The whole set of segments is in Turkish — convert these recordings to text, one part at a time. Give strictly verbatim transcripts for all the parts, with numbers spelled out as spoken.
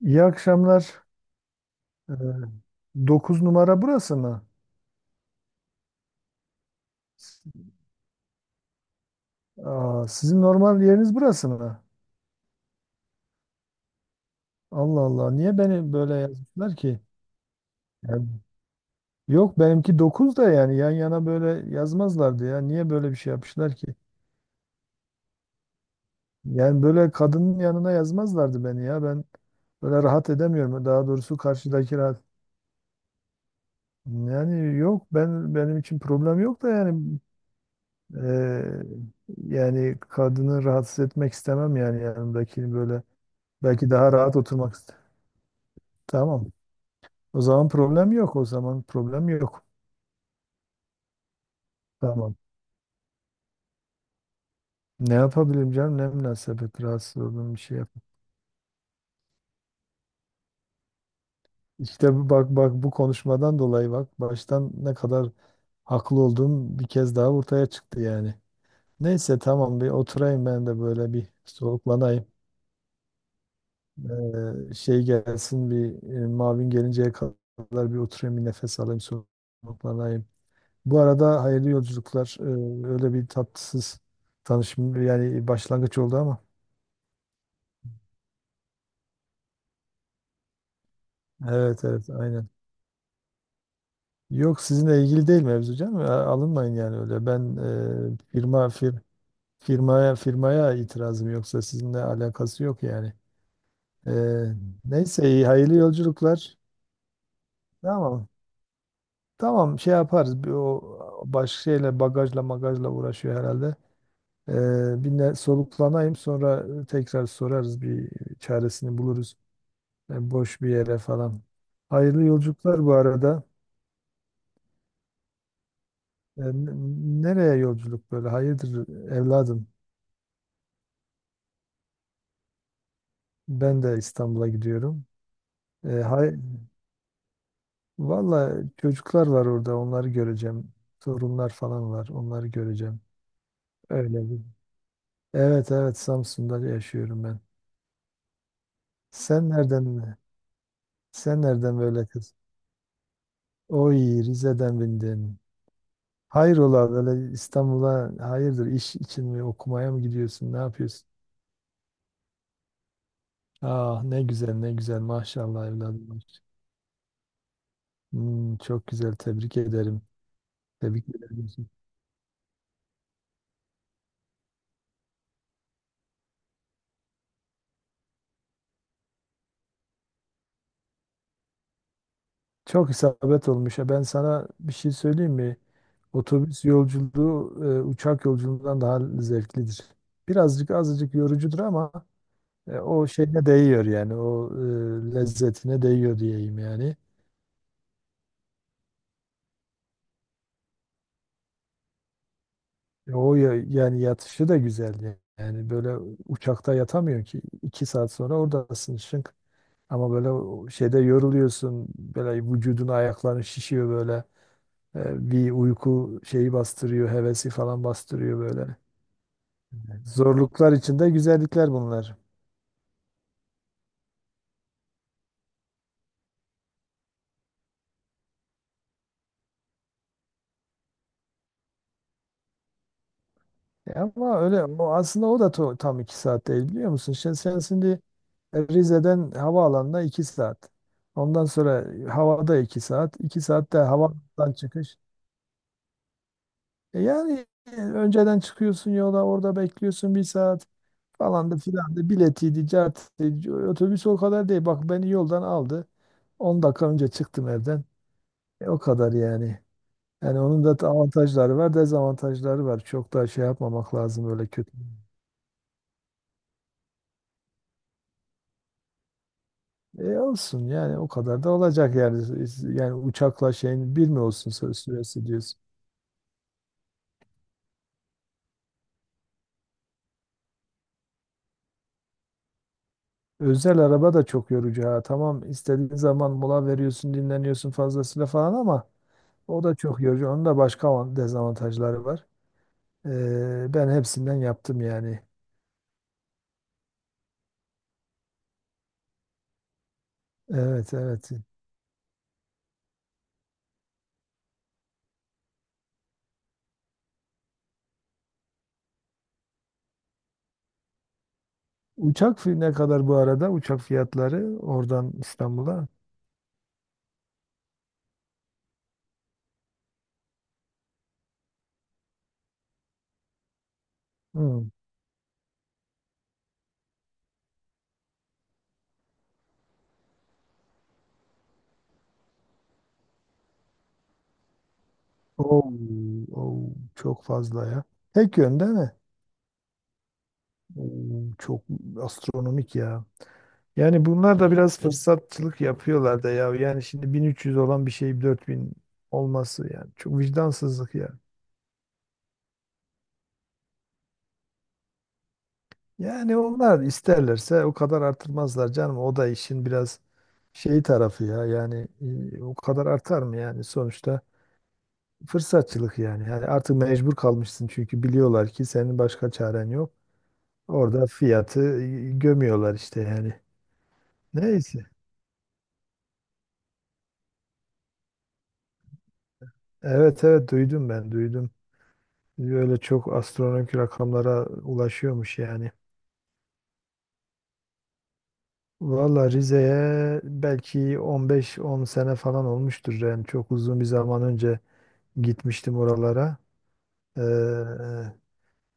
İyi akşamlar. Ee, dokuz numara burası mı? Aa, sizin normal yeriniz burası mı? Allah Allah. Niye beni böyle yazmışlar ki? Yani, yok benimki dokuz da yani yan yana böyle yazmazlardı ya. Niye böyle bir şey yapmışlar ki? Yani böyle kadının yanına yazmazlardı beni ya. Ben böyle rahat edemiyorum. Daha doğrusu karşıdaki rahat. Yani yok ben benim için problem yok da yani eee, yani kadını rahatsız etmek istemem yani yanımdakini böyle. Belki daha rahat oturmak ister. Tamam. O zaman problem yok. O zaman problem yok. Tamam. Ne yapabilirim canım? Ne münasebet rahatsız olduğum bir şey yap. İşte bu- bak bak bu konuşmadan dolayı bak baştan ne kadar haklı olduğum bir kez daha ortaya çıktı yani. Neyse tamam bir oturayım ben de böyle bir soluklanayım. Ee, şey gelsin bir e, mavin gelinceye kadar bir oturayım bir nefes alayım soluklanayım. Bu arada hayırlı yolculuklar. Ee, Öyle bir tatsız tanışım yani başlangıç oldu ama. Evet evet aynen. Yok sizinle ilgili değil mevzu canım. A- Alınmayın yani öyle. Ben e, firma fir, firmaya firmaya itirazım yoksa sizinle alakası yok yani. E, neyse iyi hayırlı yolculuklar. Tamam. Tamam şey yaparız. Bir o başka şeyle bagajla magajla uğraşıyor herhalde. E, bir ne- soluklanayım sonra tekrar sorarız bir çaresini buluruz. e, boş bir yere falan. Hayırlı yolculuklar bu arada. E, n- nereye yolculuk böyle? Hayırdır evladım? Ben de İstanbul'a gidiyorum. E, hay Valla çocuklar var orada. Onları göreceğim. Torunlar falan var. Onları göreceğim. Öyle bir. Evet evet Samsun'da yaşıyorum ben. Sen nereden sen nereden böyle kız? Oy Rize'den bindin. Hayrola böyle İstanbul'a hayırdır iş için mi okumaya mı gidiyorsun? Ne yapıyorsun? Ah ne güzel ne güzel maşallah evladım. Hmm, çok güzel tebrik ederim. Tebrik ederim. Çok isabet olmuş ya. Ben sana bir şey söyleyeyim mi? Otobüs yolculuğu e, uçak yolculuğundan daha zevklidir. Birazcık azıcık yorucudur ama e, o şeyine değiyor yani o e, lezzetine değiyor diyeyim yani. E, o ya- yani yatışı da güzel yani. Yani böyle uçakta yatamıyorsun ki iki saat sonra oradasın şınk. Ama böyle o şeyde yoruluyorsun. Böyle vücudun ayakların şişiyor böyle. Ee, Bir uyku şeyi bastırıyor. Hevesi falan bastırıyor böyle. Zorluklar içinde güzellikler bunlar. E Ama öyle o aslında o da to- tam iki saat değil biliyor musun? sen sen şimdi e, Rize'den havaalanına iki saat. Ondan sonra havada iki saat. iki saatte havadan çıkış. E Yani e, önceden çıkıyorsun yola orada bekliyorsun bir saat falan da filan da biletiydi, cartıydı. Otobüs o kadar değil. Bak beni yoldan aldı. On dakika önce çıktım evden. E, o kadar yani. Yani onun da avantajları var, dezavantajları var. Çok da şey yapmamak lazım öyle kötü. E olsun yani o kadar da olacak yani. Yani uçakla şeyin bir mi olsun sö- süresi diyorsun. Özel araba da çok yorucu ha. Tamam istediğin zaman mola veriyorsun, dinleniyorsun fazlasıyla falan ama o da çok yorucu. Onun da başka avant- dezavantajları var. Ee, ben hepsinden yaptım yani. Evet, evet. Uçak fi- ne kadar bu arada? Uçak fiyatları oradan İstanbul'a. Hmm. Oo, oo, çok fazla ya. Tek yönde mi? Oo, çok astronomik ya. Yani bunlar da biraz fırsatçılık yapıyorlar da ya. Yani şimdi bin üç yüz olan bir şey dört bin olması yani. Çok vicdansızlık ya. Yani onlar isterlerse o kadar artırmazlar canım. O da işin biraz şeyi tarafı ya. Yani e, o kadar artar mı yani sonuçta fırsatçılık yani. Yani artık mecbur kalmışsın çünkü biliyorlar ki senin başka çaren yok. Orada fiyatı e, gömüyorlar işte yani. Neyse. Evet evet duydum ben duydum. Öyle çok astronomik rakamlara ulaşıyormuş yani. Valla Rize'ye belki on beş on sene falan olmuştur yani çok uzun bir zaman önce gitmiştim oralara. Ee,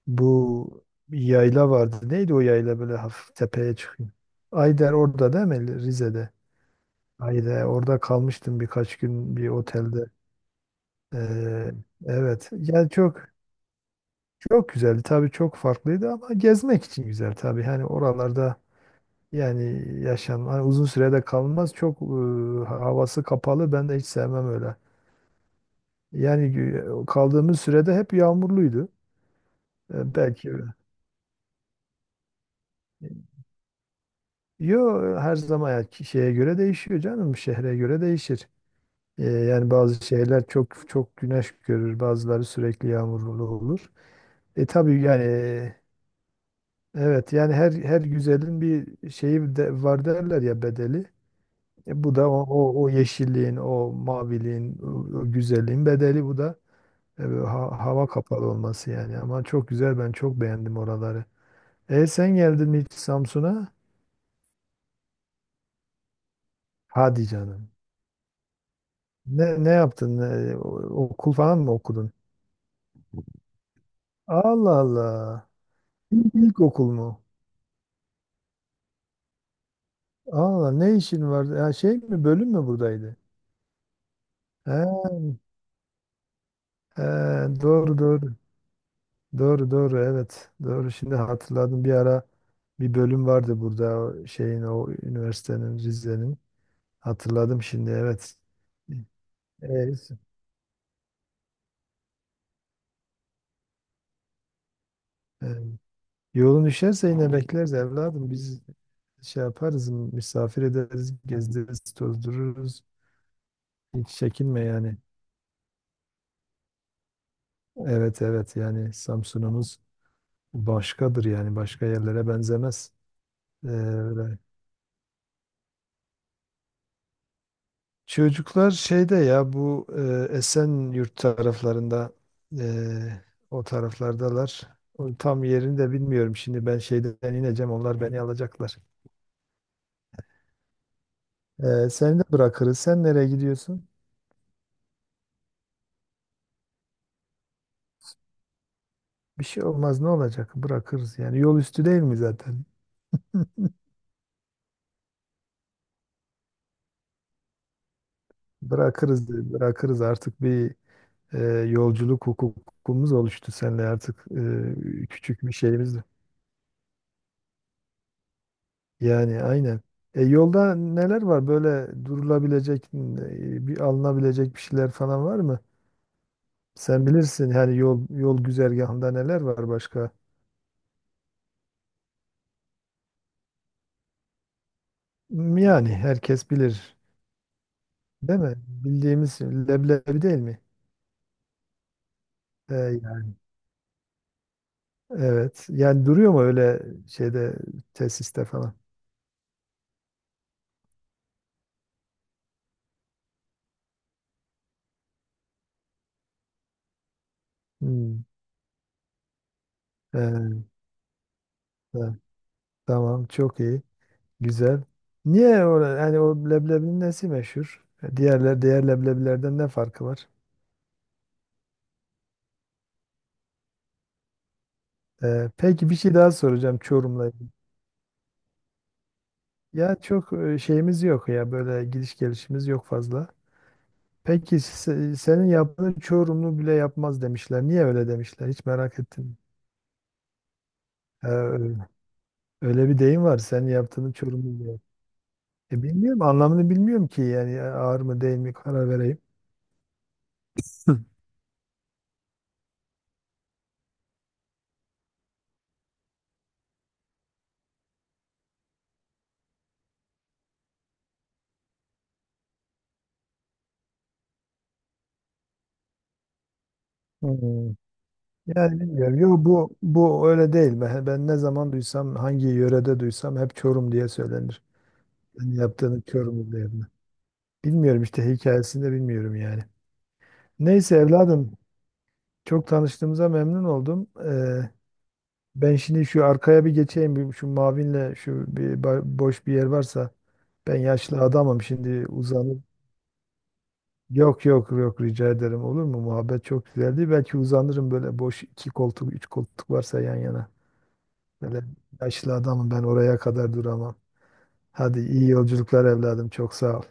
bu yayla vardı. Neydi o yayla böyle hafif tepeye çıkıyor. Ayder orada değil mi? Rize'de. Ayder orada kalmıştım birkaç gün bir otelde. Ee, evet. Yani çok çok güzeldi. Tabii çok farklıydı ama gezmek için güzel tabii. Hani oralarda yani yaşam hani uzun sürede kalmaz. Çok e, havası kapalı. Ben de hiç sevmem öyle. Yani e, kaldığımız sürede hep yağmurluydu. E, belki öyle. Yo her zaman ya ki- şeye göre değişiyor canım şehre göre değişir. Ee, yani bazı şehirler çok çok güneş görür bazıları sürekli yağmurlu olur. E tabii yani e, evet yani her her güzelin bir şeyi de var derler ya bedeli. E, bu da o, o, o yeşilliğin o maviliğin o, o güzelliğin bedeli bu da. E, böyle ha- hava kapalı olması yani ama çok güzel ben çok beğendim oraları. E sen geldin mi hiç Samsun'a? Hadi canım. Ne, ne yaptın? Ne- o- okul falan mı okudun? Allah Allah. İlk, ilk okul mu? Allah ne işin vardı? Ya şey mi bölüm mü buradaydı? He, he, doğru doğru. Doğru doğru evet. Doğru şimdi hatırladım bir ara bir bölüm vardı burada o şeyin o üniversitenin Rize'nin. Hatırladım şimdi evet. Evet. Ee, e, yolun düşerse yine bekleriz evladım. Biz şey yaparız, misafir ederiz, gezdiririz, tozdururuz. Hiç çekinme yani. Evet evet yani Samsun'umuz başkadır yani başka yerlere benzemez. Ee, öyle. Çocuklar şeyde ya bu e, Esenyurt taraflarında e, o taraflardalar. O tam yerini de bilmiyorum şimdi ben şeyden ineceğim onlar beni alacaklar. Ee, seni de bırakırız. Sen nereye gidiyorsun? Bir şey olmaz ne olacak? Bırakırız yani yol üstü değil mi zaten? Bırakırız bırakırız artık bir e, yolculuk hukukumuz oluştu seninle artık e, küçük bir şeyimiz de. Yani aynen. E, yolda neler var böyle durulabilecek, e, bir alınabilecek bir şeyler falan var mı? Sen bilirsin yani yol yol güzergahında neler var başka? M- Yani herkes bilir, değil mi? Bildiğimiz leblebi değil mi? E, yani, evet. Yani duruyor mu öyle şeyde tesiste falan? Hmm. E, e, tamam çok iyi. Güzel. Niye o, yani o leblebinin nesi meşhur? Diğerler diğer leblebilerden ne farkı var? Ee, peki bir şey daha soracağım Çorum'la ilgili. Ya çok e, şeyimiz yok ya böyle gidiş gelişimiz yok fazla. Peki se- senin yaptığın Çorumlu bile yapmaz demişler. Niye öyle demişler? Hiç merak ettim. Ee, öyle öyle bir deyim var. Senin yaptığını Çorumlu bile yap- E, bilmiyorum anlamını bilmiyorum ki yani ağır mı değil mi karar vereyim. Hmm. Yani bilmiyorum. Yo bu bu öyle değil. Ben, ben ne zaman duysam, hangi yörede duysam hep Çorum diye söylenir. Ben yaptığını Çorum yerine. Bilmiyorum işte hikayesini de bilmiyorum yani. Neyse evladım çok tanıştığımıza memnun oldum. Ee, ben şimdi şu arkaya bir geçeyim. Bir, şu Mavin'le şu bir ba- boş bir yer varsa ben yaşlı adamım şimdi uzanıp. Yok yok yok rica ederim olur mu? Muhabbet çok güzeldi. Belki uzanırım böyle boş iki koltuk, üç koltuk varsa yan yana. Böyle yaşlı adamım ben oraya kadar duramam. Hadi iyi yolculuklar evladım. Çok sağ ol.